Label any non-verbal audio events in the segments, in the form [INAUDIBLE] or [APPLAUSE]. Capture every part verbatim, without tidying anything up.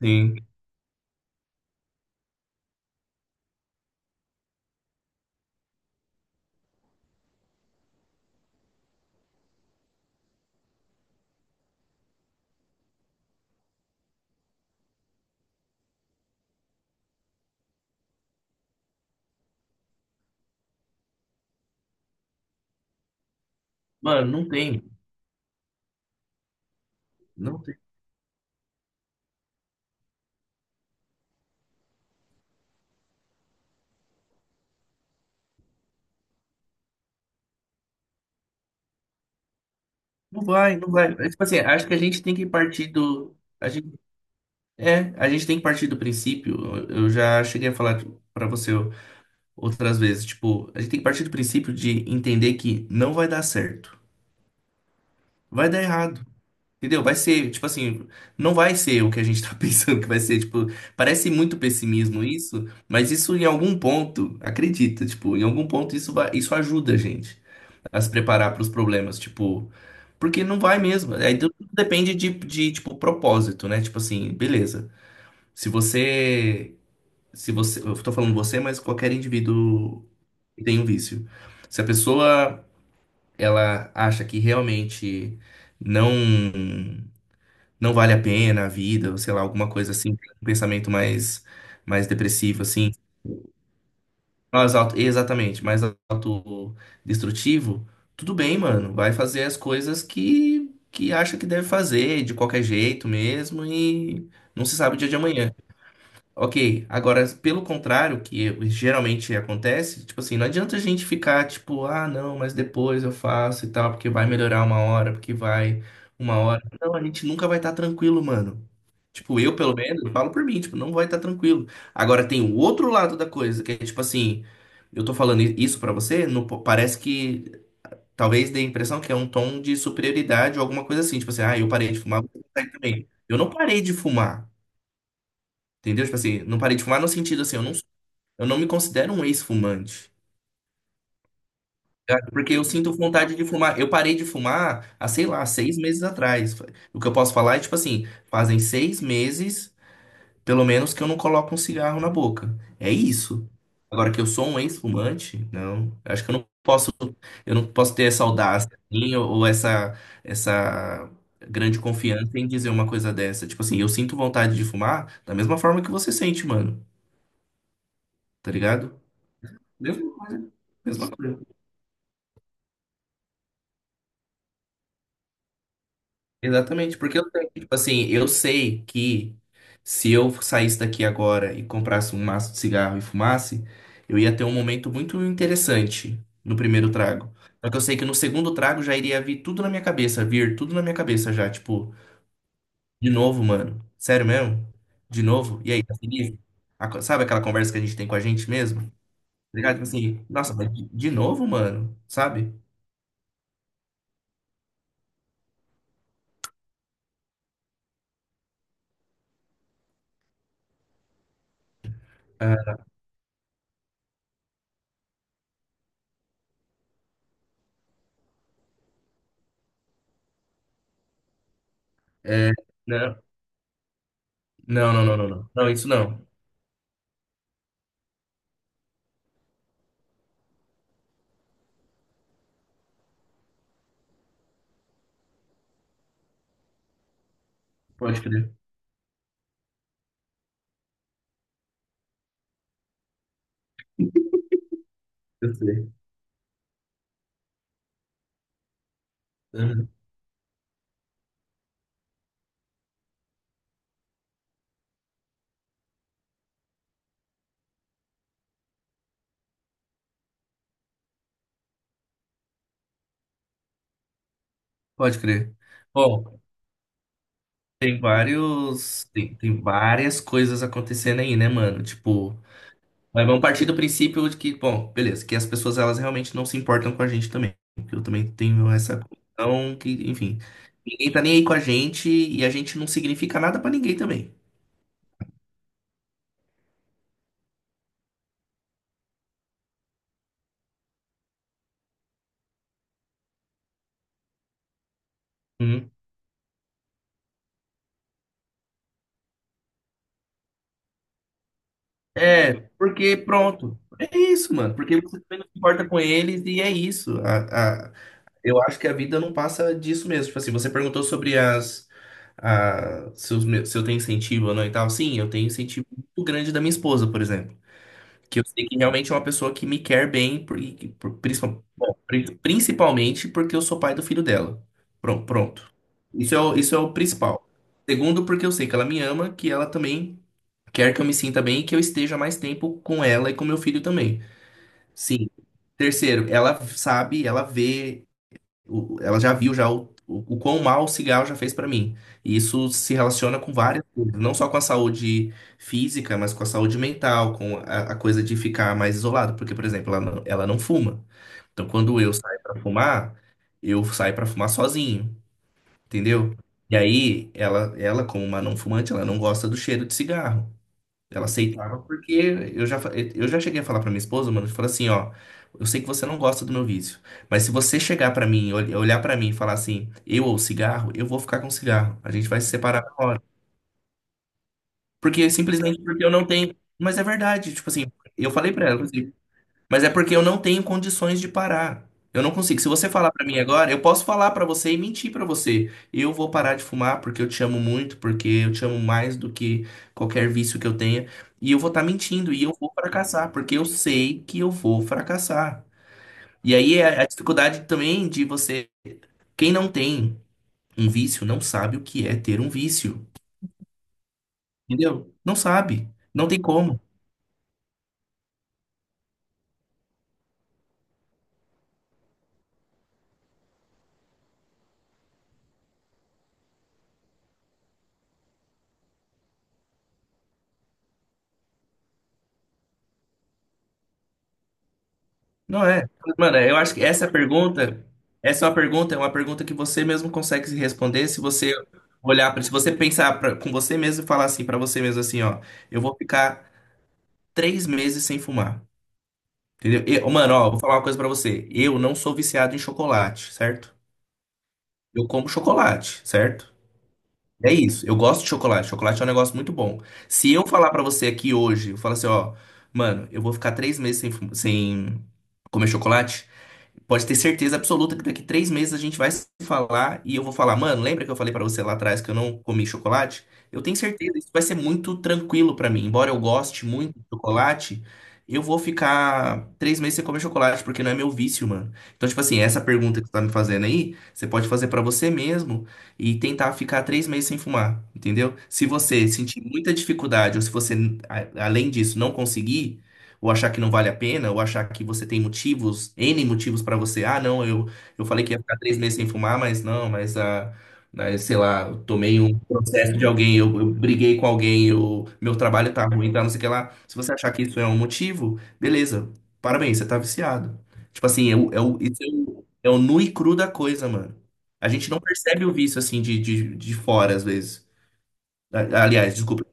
Sim. Mano, não tem. Não tem. Não vai, não vai. É, tipo assim, acho que a gente tem que partir do. A gente, é, a gente tem que partir do princípio. Eu eu já cheguei a falar pra você outras vezes. Tipo, a gente tem que partir do princípio de entender que não vai dar certo. Vai dar errado. Entendeu? Vai ser, tipo assim, não vai ser o que a gente tá [LAUGHS] pensando que vai ser. Tipo, parece muito pessimismo isso, mas isso em algum ponto, acredita, tipo, em algum ponto isso vai, isso ajuda a gente a se preparar para os problemas, tipo, porque não vai mesmo. Aí tudo depende de, de, tipo, propósito, né? Tipo assim, beleza. Se você, se você, eu tô falando você, mas qualquer indivíduo que tem um vício. Se a pessoa, ela acha que realmente não não vale a pena a vida, ou sei lá, alguma coisa assim, um pensamento mais mais depressivo assim, mais alto, exatamente, mais autodestrutivo, tudo bem, mano. Vai fazer as coisas que, que acha que deve fazer, de qualquer jeito mesmo, e não se sabe o dia de amanhã. Ok, agora, pelo contrário, que geralmente acontece, tipo assim, não adianta a gente ficar tipo, ah, não, mas depois eu faço e tal, porque vai melhorar uma hora, porque vai uma hora. Não, a gente nunca vai estar tranquilo, mano. Tipo, eu, pelo menos, falo por mim, tipo, não vai estar tranquilo. Agora, tem o outro lado da coisa, que é tipo assim, eu tô falando isso pra você, não po- parece que talvez dê a impressão que é um tom de superioridade ou alguma coisa assim, tipo assim, ah, eu parei de fumar, você vai também. Eu não parei de fumar. Entendeu? Tipo assim, não parei de fumar no sentido assim, eu não, eu não me considero um ex-fumante. Tá? Porque eu sinto vontade de fumar. Eu parei de fumar há, sei lá, seis meses atrás. O que eu posso falar é, tipo assim, fazem seis meses, pelo menos, que eu não coloco um cigarro na boca. É isso. Agora que eu sou um ex-fumante, não. Eu acho que eu não posso, eu não posso ter essa audácia, assim, ou ou essa, essa grande confiança em dizer uma coisa dessa. Tipo assim, eu sinto vontade de fumar da mesma forma que você sente, mano. Tá ligado? Mesma coisa. Mesma coisa. Exatamente, porque eu tenho, tipo assim, eu sei que se eu saísse daqui agora e comprasse um maço de cigarro e fumasse, eu ia ter um momento muito interessante no primeiro trago. Só que eu sei que no segundo trago já iria vir tudo na minha cabeça, vir tudo na minha cabeça já, tipo, de novo, mano. Sério mesmo? De novo? E aí, tá feliz? A co- Sabe aquela conversa que a gente tem com a gente mesmo? Tá ligado? Tipo assim, nossa, mas de de novo, mano? Sabe? Ah, é. Não. Não, não, não, não, não. Não, isso não. Pode crer. Eu sei. Uhum. Pode crer. Bom, tem vários. Tem, tem várias coisas acontecendo aí, né, mano? Tipo, mas vamos partir do princípio de que, bom, beleza, que as pessoas elas realmente não se importam com a gente também. Porque eu também tenho essa questão que, enfim, ninguém tá nem aí com a gente e a gente não significa nada pra ninguém também. Uhum. É, porque pronto. É isso, mano. Porque você também não se importa com eles e é isso. A, a- Eu acho que a vida não passa disso mesmo. Tipo assim, você perguntou sobre as, a, se, os meus- se eu tenho incentivo ou não e tal. Sim, eu tenho incentivo muito grande da minha esposa, por exemplo. Que eu sei que realmente é uma pessoa que me quer bem, por, e- por- principal- bom, pri- principalmente porque eu sou pai do filho dela. Pronto, pronto. Isso é o, isso é o principal. Segundo, porque eu sei que ela me ama, que ela também quer que eu me sinta bem e que eu esteja mais tempo com ela e com meu filho também. Sim. Terceiro, ela sabe, ela vê o- ela já viu já o, o, o quão mal o cigarro já fez pra mim. E isso se relaciona com várias coisas, não só com a saúde física, mas com a saúde mental, com a, a coisa de ficar mais isolado. Porque, por exemplo, ela não, ela não fuma. Então, quando eu saio pra fumar, eu saio pra fumar sozinho, entendeu? E aí, ela, ela, como uma não fumante, ela não gosta do cheiro de cigarro. Ela aceitava porque eu já, fa- eu já cheguei a falar pra minha esposa, mano, eu falo assim, ó, eu sei que você não gosta do meu vício, mas se você chegar pra mim, ol- olhar pra mim e falar assim, eu ou cigarro, eu vou ficar com cigarro. A gente vai se separar. Porque simplesmente porque eu não tenho, mas é verdade, tipo assim, eu falei pra ela, mas é porque eu não tenho condições de parar. Eu não consigo. Se você falar pra mim agora, eu posso falar pra você e mentir pra você. Eu vou parar de fumar porque eu te amo muito, porque eu te amo mais do que qualquer vício que eu tenha. E eu vou estar mentindo e eu vou fracassar, porque eu sei que eu vou fracassar. E aí é a dificuldade também de você. Quem não tem um vício não sabe o que é ter um vício. Entendeu? Não sabe. Não tem como. Não é. Mano, eu acho que essa pergunta, essa é uma pergunta, é uma pergunta que você mesmo consegue se responder se você olhar para, se você pensar pra- com você mesmo e falar assim para você mesmo assim, ó, eu vou ficar três meses sem fumar, entendeu? E, mano, ó, vou falar uma coisa para você. Eu não sou viciado em chocolate, certo? Eu como chocolate, certo? É isso. Eu gosto de chocolate. Chocolate é um negócio muito bom. Se eu falar para você aqui hoje, eu falar assim, ó, mano, eu vou ficar três meses sem, fu- sem comer chocolate. Pode ter certeza absoluta que daqui três meses a gente vai se falar e eu vou falar, mano, lembra que eu falei pra você lá atrás que eu não comi chocolate? Eu tenho certeza, isso vai ser muito tranquilo pra mim. Embora eu goste muito de chocolate, eu vou ficar três meses sem comer chocolate, porque não é meu vício, mano. Então, tipo assim, essa pergunta que você tá me fazendo aí, você pode fazer pra você mesmo e tentar ficar três meses sem fumar, entendeu? Se você sentir muita dificuldade ou se você, a- além disso, não conseguir ou achar que não vale a pena, ou achar que você tem motivos, N motivos para você. Ah, não, eu, eu falei que ia ficar três meses sem fumar, mas não, mas ah, mas, sei lá, eu tomei um processo de alguém, eu, eu briguei com alguém, eu, meu trabalho tá ruim, tá, não sei o que lá. Se você achar que isso é um motivo, beleza, parabéns, você tá viciado. Tipo assim, é o, é o, isso é o, é o nu e cru da coisa, mano. A gente não percebe o vício assim de, de, de fora, às vezes. A- Aliás, desculpa.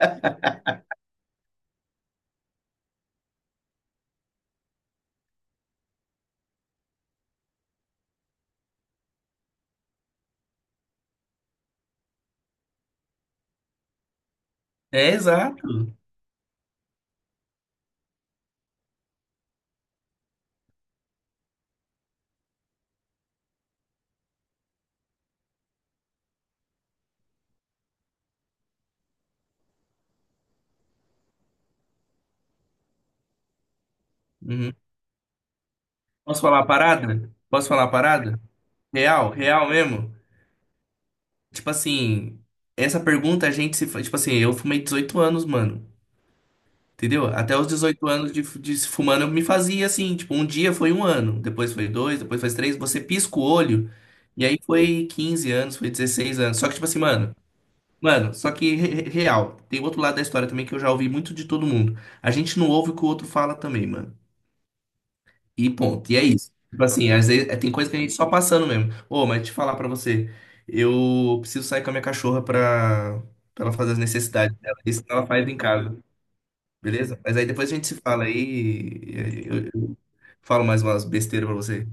[LAUGHS] É, exato. Uhum. Posso falar a parada? Posso falar a parada? Real, real mesmo. Tipo assim, essa pergunta a gente se. Fa- tipo assim, eu fumei dezoito anos, mano. Entendeu? Até os dezoito anos de, fu- de se fumando eu me fazia assim. Tipo, um dia foi um ano, depois foi dois, depois foi três. Você pisca o olho. E aí foi quinze anos, foi dezesseis anos. Só que, tipo assim, mano. Mano, só que re- re- real. Tem outro lado da história também que eu já ouvi muito de todo mundo. A gente não ouve o que o outro fala também, mano. E ponto. E é isso. Tipo assim, às vezes é- tem coisa que a gente só passando mesmo. Ô, mas deixa eu falar pra você. Eu preciso sair com a minha cachorra pra, pra ela fazer as necessidades dela. Isso ela faz em casa, beleza? Mas aí depois a gente se fala aí. e e Eu, eu falo mais umas besteiras pra você.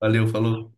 Valeu, falou.